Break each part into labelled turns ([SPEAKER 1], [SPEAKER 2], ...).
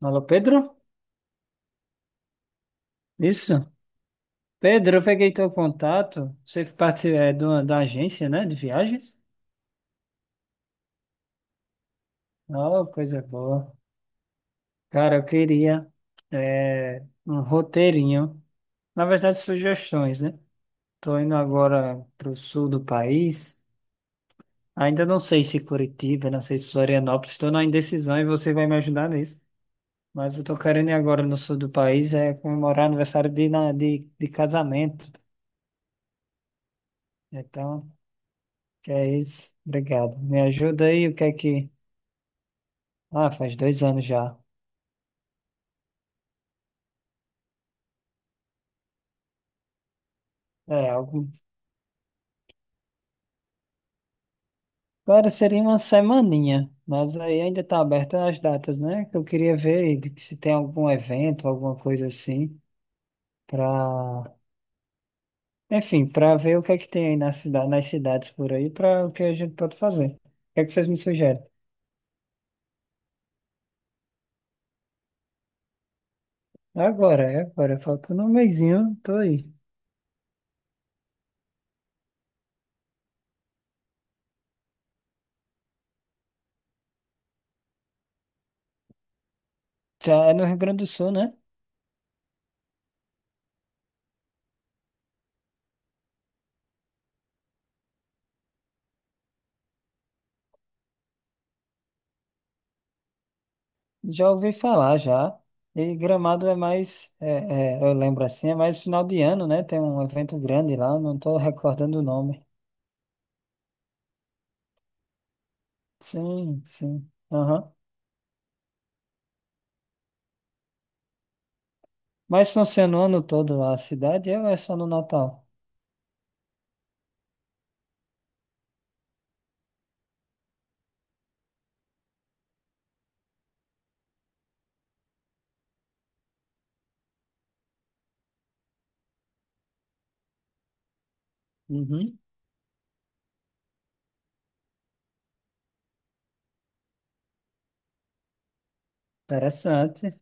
[SPEAKER 1] Alô, Pedro? Isso. Pedro, eu peguei teu contato. Você parte da agência, né, de viagens? Oh, coisa boa. Cara, eu queria um roteirinho. Na verdade, sugestões, né? Tô indo agora pro sul do país. Ainda não sei se Curitiba, não sei se Florianópolis. Estou na indecisão e você vai me ajudar nisso. Mas eu tô querendo ir agora no sul do país é comemorar aniversário de casamento. Então. Que é isso? Obrigado. Me ajuda aí, o que é que. Ah, faz 2 anos já. É, algo. Agora seria uma semaninha, mas aí ainda tá aberta as datas, né? Que eu queria ver aí de que se tem algum evento, alguma coisa assim, pra. Enfim, pra ver o que é que tem aí na cida... nas cidades por aí, pra o que a gente pode fazer. O que é que vocês me sugerem? Agora, é agora, falta um mesinho, tô aí. Já é no Rio Grande do Sul, né? Já ouvi falar já. E Gramado é mais, eu lembro assim, é mais final de ano, né? Tem um evento grande lá, não estou recordando o nome. Sim, sim. Aham. Mas funciona o ano todo a cidade é ou é só no Natal? Uhum. Interessante.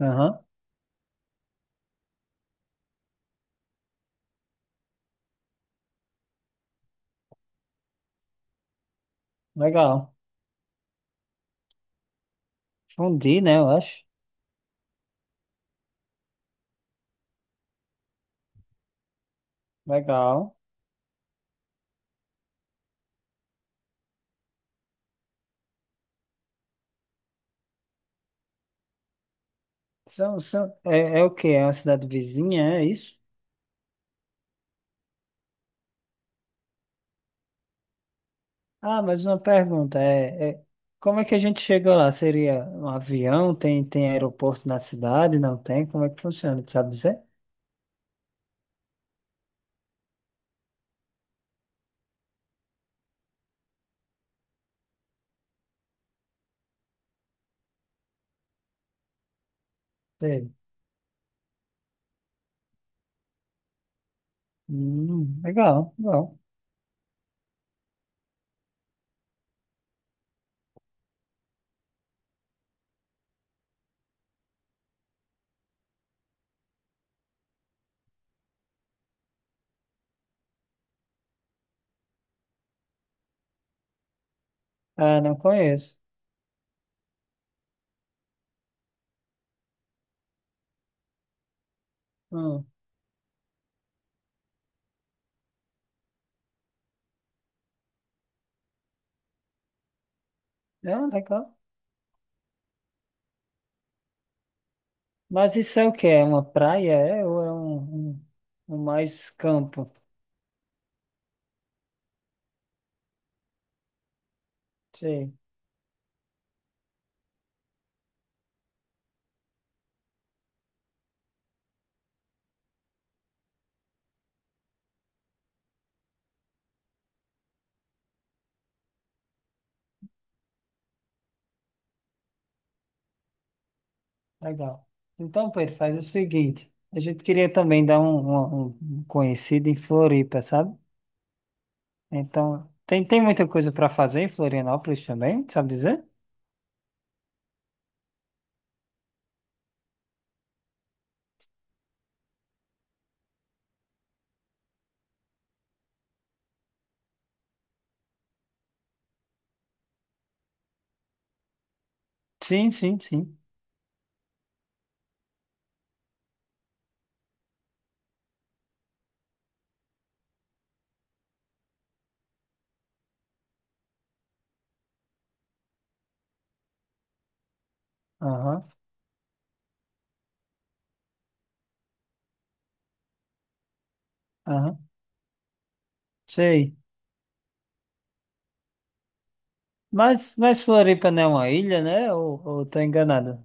[SPEAKER 1] Aham. Legal. Fundi, né? Eu acho. Legal. São, são, o quê? É uma cidade vizinha, é isso? Ah, mas uma pergunta, como é que a gente chega lá? Seria um avião? Tem, tem aeroporto na cidade? Não tem? Como é que funciona? Tu sabe dizer? Sei. Legal, legal. Ah, não conheço. Hum, não, legal. Mas isso é o quê? É uma praia? É, ou é um, um mais campo? Sei, legal. Então, Pedro, faz o seguinte. A gente queria também dar um, um conhecido em Floripa, sabe? Então, tem, tem muita coisa para fazer em Florianópolis também, sabe dizer? Sim, sim, sim. Aham, aham. Sei. Mas Floripa não é uma ilha, né? Ou tô enganado?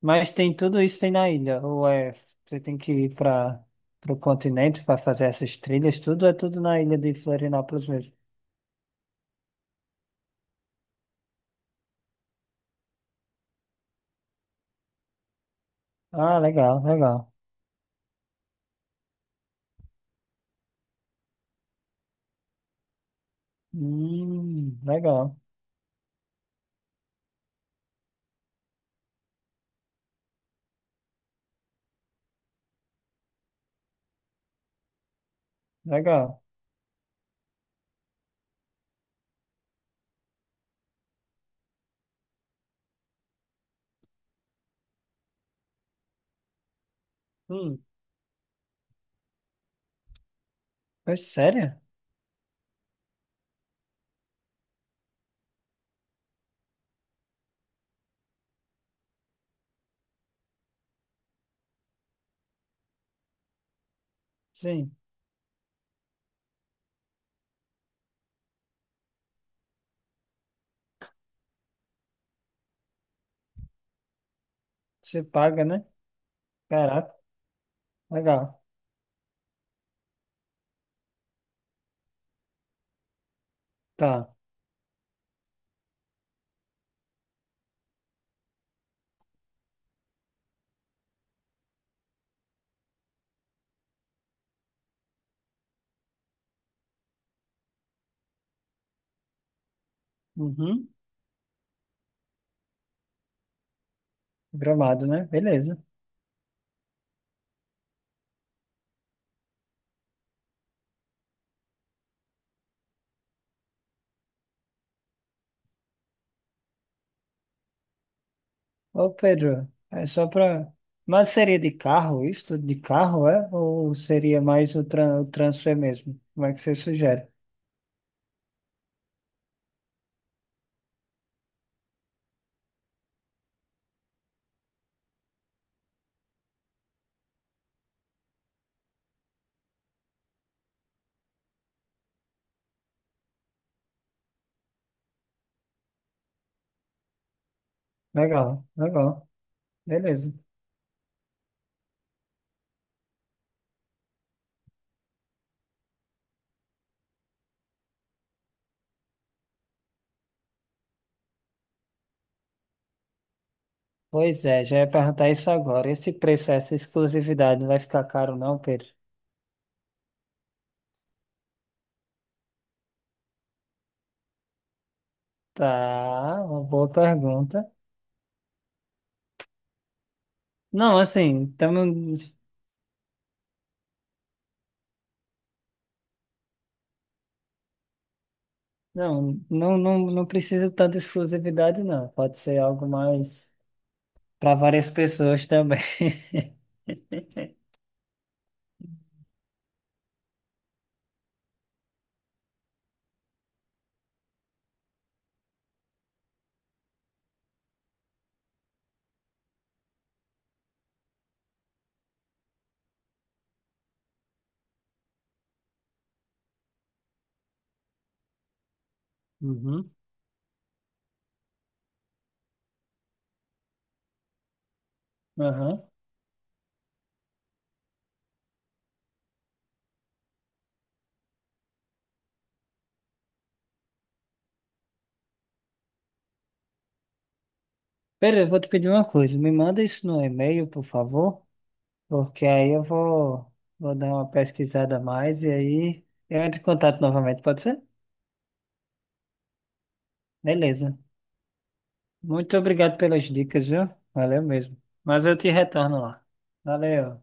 [SPEAKER 1] Mas tem tudo isso tem na ilha. Ou é, você tem que ir para o continente para fazer essas trilhas, tudo é tudo na ilha de Florianópolis mesmo. Ah, legal, legal. Legal, legal. Hum, é sério? Sim, você paga, né? Caraca, legal. Tá. Uhum. Gramado, né? Beleza. Ô, Pedro, é só para. Mas seria de carro isso? Tudo De carro, é? Ou seria mais o, tran o transfer mesmo? Como é que você sugere? Legal, legal. Beleza. Pois é, já ia perguntar isso agora. Esse preço, essa exclusividade, não vai ficar caro, não, Pedro? Tá, uma boa pergunta. Não, assim, tamo... não, não, não, não precisa tanta exclusividade, não. Pode ser algo mais para várias pessoas também. Uhum. Aham. Pedro, eu vou te pedir uma coisa. Me manda isso no e-mail, por favor, porque aí eu vou, vou dar uma pesquisada a mais e aí eu entro em contato novamente, pode ser? Beleza. Muito obrigado pelas dicas, viu? Valeu mesmo. Mas eu te retorno lá. Valeu.